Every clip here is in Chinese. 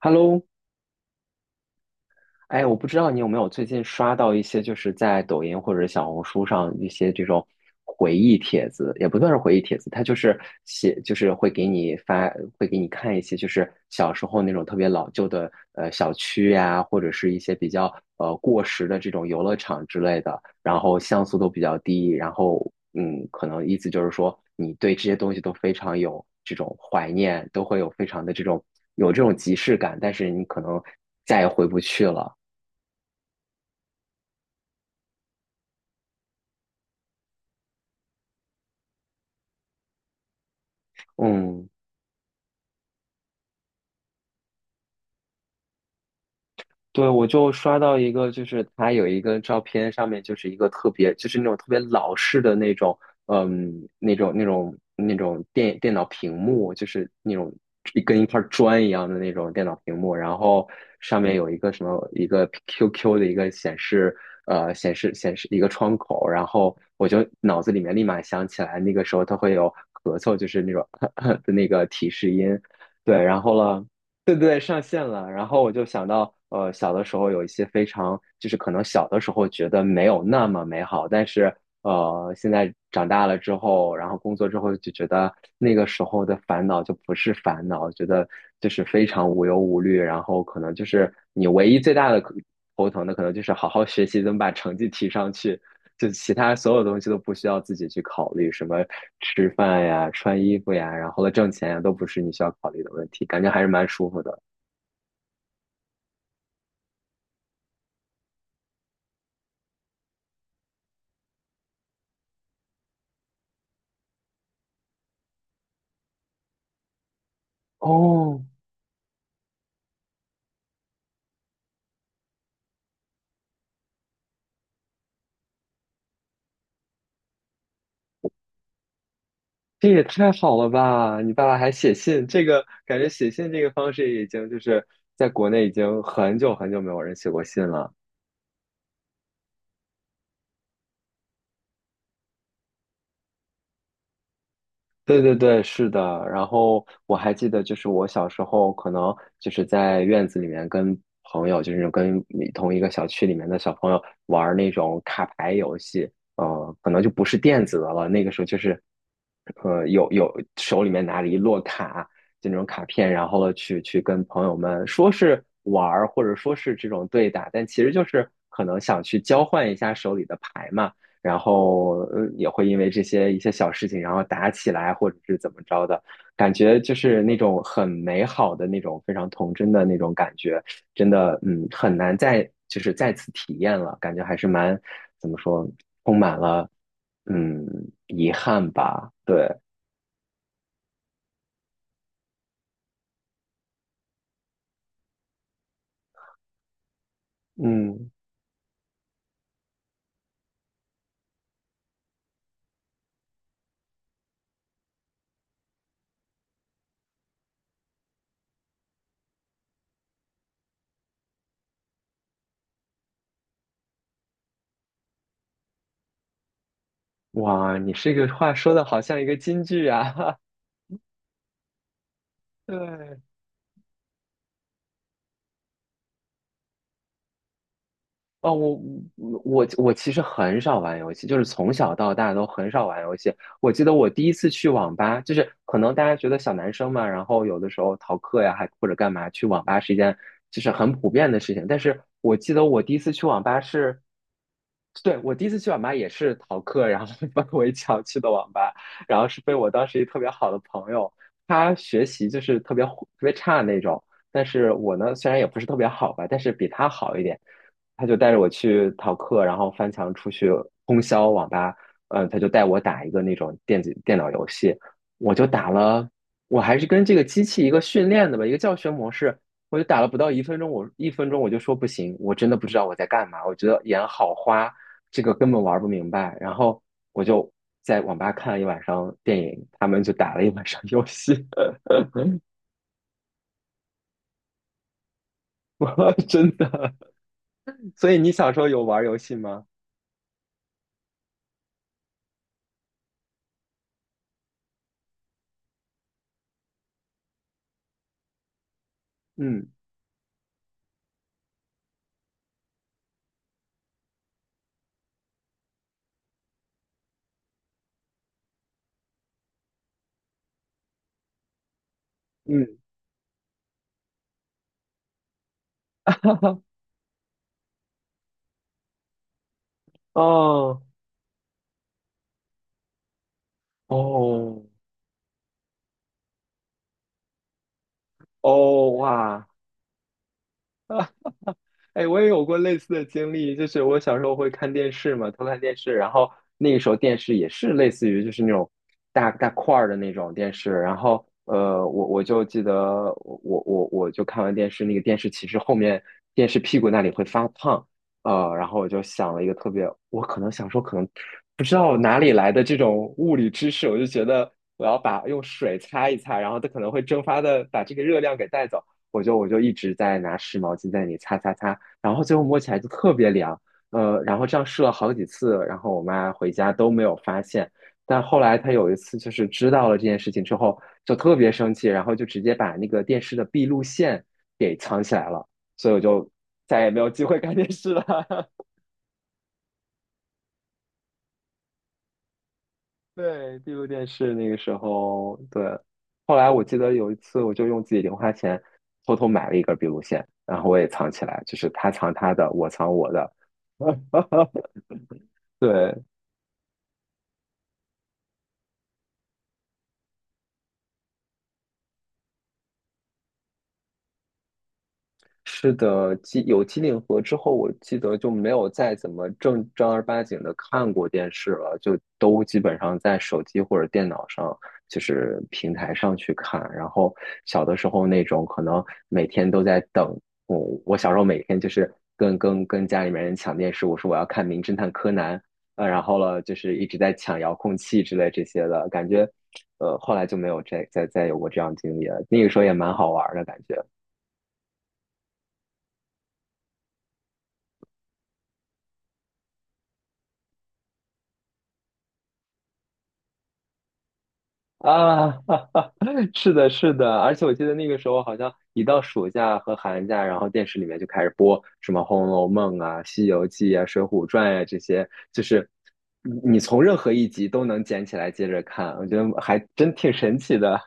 Hello,哎，我不知道你有没有最近刷到一些，就是在抖音或者小红书上一些这种回忆帖子，也不算是回忆帖子，它就是写，就是会给你发，会给你看一些，就是小时候那种特别老旧的小区呀、或者是一些比较过时的这种游乐场之类的，然后像素都比较低，然后嗯，可能意思就是说你对这些东西都非常有这种怀念，都会有非常的这种有这种即视感，但是你可能再也回不去了。嗯，对，我就刷到一个，就是他有一个照片，上面就是一个特别，就是那种特别老式的那种，嗯，那种电脑屏幕，就是那种一跟一块砖一样的那种电脑屏幕，然后上面有一个什么一个 QQ 的一个显示，显示一个窗口，然后我就脑子里面立马想起来，那个时候它会有咳嗽，就是那种 的那个提示音。对，然后了，对对对，上线了。然后我就想到，小的时候有一些非常，就是可能小的时候觉得没有那么美好，但是现在长大了之后，然后工作之后就觉得那个时候的烦恼就不是烦恼，觉得就是非常无忧无虑。然后可能就是你唯一最大的头疼的，可能就是好好学习，怎么把成绩提上去。就其他所有东西都不需要自己去考虑，什么吃饭呀、穿衣服呀，然后了挣钱呀，都不是你需要考虑的问题，感觉还是蛮舒服的。哦，这也太好了吧！你爸爸还写信，这个感觉写信这个方式已经就是在国内已经很久很久没有人写过信了。对对对，是的。然后我还记得，就是我小时候可能就是在院子里面跟朋友，就是跟你同一个小区里面的小朋友玩儿那种卡牌游戏。可能就不是电子的了，那个时候就是，呃，有手里面拿着一摞卡，就那种卡片，然后了去跟朋友们说是玩儿，或者说是这种对打，但其实就是可能想去交换一下手里的牌嘛。然后也会因为这些一些小事情，然后打起来或者是怎么着的，感觉就是那种很美好的那种非常童真的那种感觉，真的嗯很难再就是再次体验了，感觉还是蛮怎么说，充满了嗯遗憾吧，对，嗯，哇，你这个话说的好像一个金句啊，对。哦，我其实很少玩游戏，就是从小到大都很少玩游戏。我记得我第一次去网吧，就是可能大家觉得小男生嘛，然后有的时候逃课呀，还或者干嘛，去网吧是一件就是很普遍的事情。但是我记得我第一次去网吧是对，我第一次去网吧也是逃课，然后 翻围墙去的网吧，然后是被我当时一特别好的朋友，他学习就是特别差的那种，但是我呢虽然也不是特别好吧，但是比他好一点，他就带着我去逃课，然后翻墙出去通宵网吧，他就带我打一个那种电脑游戏，我就打了，我还是跟这个机器一个训练的吧，一个教学模式。我就打了不到一分钟，我一分钟我就说不行，我真的不知道我在干嘛，我觉得眼好花，这个根本玩不明白。然后我就在网吧看了一晚上电影，他们就打了一晚上游戏，我真的。所以你小时候有玩游戏吗？嗯嗯，哦哦哦哇！哎，我也有过类似的经历，就是我小时候会看电视嘛，偷看电视，然后那个时候电视也是类似于就是那种大大块儿的那种电视，然后我就记得我就看完电视，那个电视其实后面电视屁股那里会发烫，然后我就想了一个特别，我可能想说可能不知道哪里来的这种物理知识，我就觉得我要把用水擦一擦，然后它可能会蒸发的把这个热量给带走。我就一直在拿湿毛巾在那里擦擦擦，然后最后摸起来就特别凉，然后这样试了好几次，然后我妈回家都没有发现，但后来她有一次就是知道了这件事情之后，就特别生气，然后就直接把那个电视的闭路线给藏起来了，所以我就再也没有机会看电视了。对，闭路电视那个时候，对，后来我记得有一次，我就用自己零花钱偷偷买了一根闭路线，然后我也藏起来，就是他藏他的，我藏我的。对，是的，有机顶盒之后，我记得就没有再怎么正正儿八经的看过电视了，就都基本上在手机或者电脑上，就是平台上去看。然后小的时候那种可能每天都在等，我我小时候每天就是跟家里面人抢电视，我说我要看《名侦探柯南》，然后了就是一直在抢遥控器之类这些的感觉，后来就没有再有过这样的经历了。那个时候也蛮好玩儿的感觉。啊，哈哈，是的，是的，而且我记得那个时候好像一到暑假和寒假，然后电视里面就开始播什么《红楼梦》啊、《西游记》啊、《水浒传》呀这些，就是你从任何一集都能捡起来接着看，我觉得还真挺神奇的。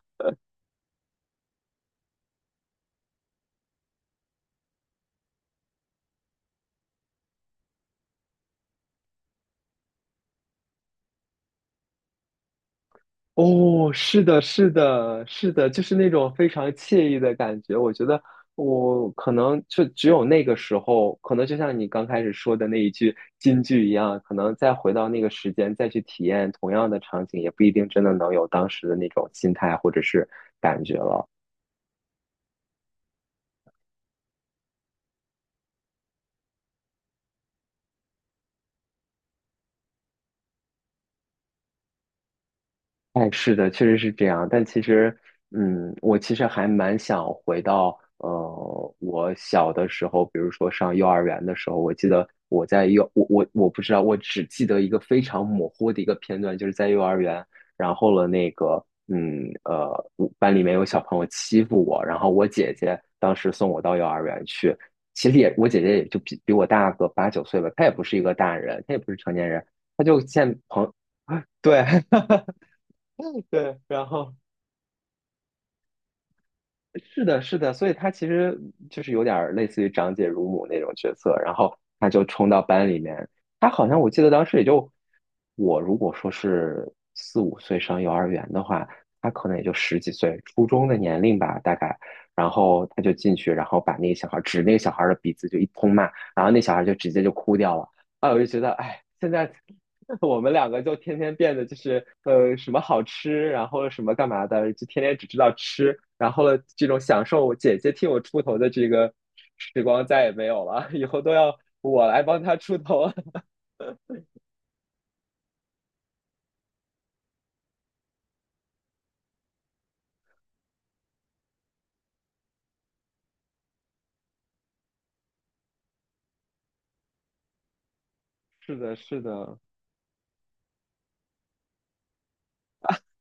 哦，是的，是的，是的，就是那种非常惬意的感觉。我觉得我可能就只有那个时候，可能就像你刚开始说的那一句金句一样，可能再回到那个时间再去体验同样的场景，也不一定真的能有当时的那种心态或者是感觉了。哎，是的，确实是这样。但其实，嗯，我其实还蛮想回到，我小的时候，比如说上幼儿园的时候，我记得我在幼，我不知道，我只记得一个非常模糊的一个片段，就是在幼儿园，然后了那个，嗯，我班里面有小朋友欺负我，然后我姐姐当时送我到幼儿园去，其实也我姐姐也就比我大个八九岁吧，她也不是一个大人，她也不是成年人，她就见朋对，对，然后是的，是的，所以他其实就是有点儿类似于长姐如母那种角色，然后他就冲到班里面，他好像我记得当时也就我如果说是四五岁上幼儿园的话，他可能也就十几岁，初中的年龄吧，大概，然后他就进去，然后把那个小孩儿指那个小孩儿的鼻子就一通骂，然后那小孩儿就直接就哭掉了，啊，我就觉得哎，现在。我们两个就天天变得就是什么好吃，然后什么干嘛的，就天天只知道吃，然后了这种享受姐姐替我出头的这个时光再也没有了，以后都要我来帮她出头。是的，是的，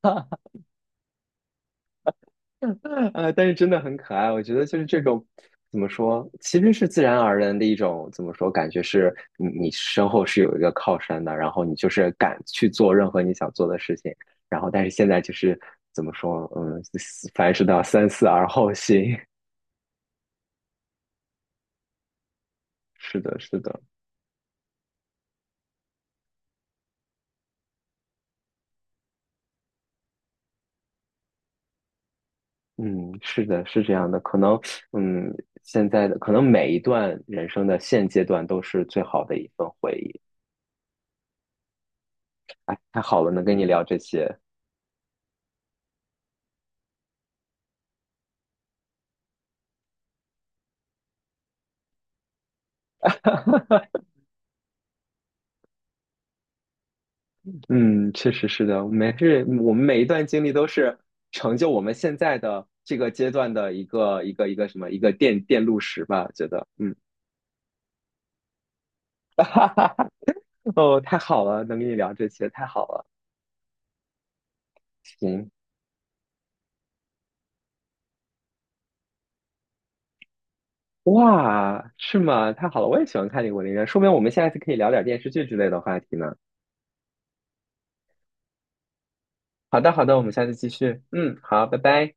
但是真的很可爱，我觉得就是这种怎么说，其实是自然而然的一种怎么说，感觉是你身后是有一个靠山的，然后你就是敢去做任何你想做的事情，然后但是现在就是怎么说，嗯，凡事都要三思而后行。是的，是的，嗯，是的，是这样的，可能嗯，现在的可能每一段人生的现阶段都是最好的一份回忆。哎，太好了，能跟你聊这些。嗯，确实是的，每是我们每一段经历都是成就我们现在的这个阶段的一个什么一个电路石吧，觉得嗯哦，太好了，能跟你聊这些，太好了，行哇，是吗？太好了，我也喜欢看这个文艺片，说明我们下一次可以聊点电视剧之类的话题呢。好的，好的，我们下次继续，嗯，好，拜拜。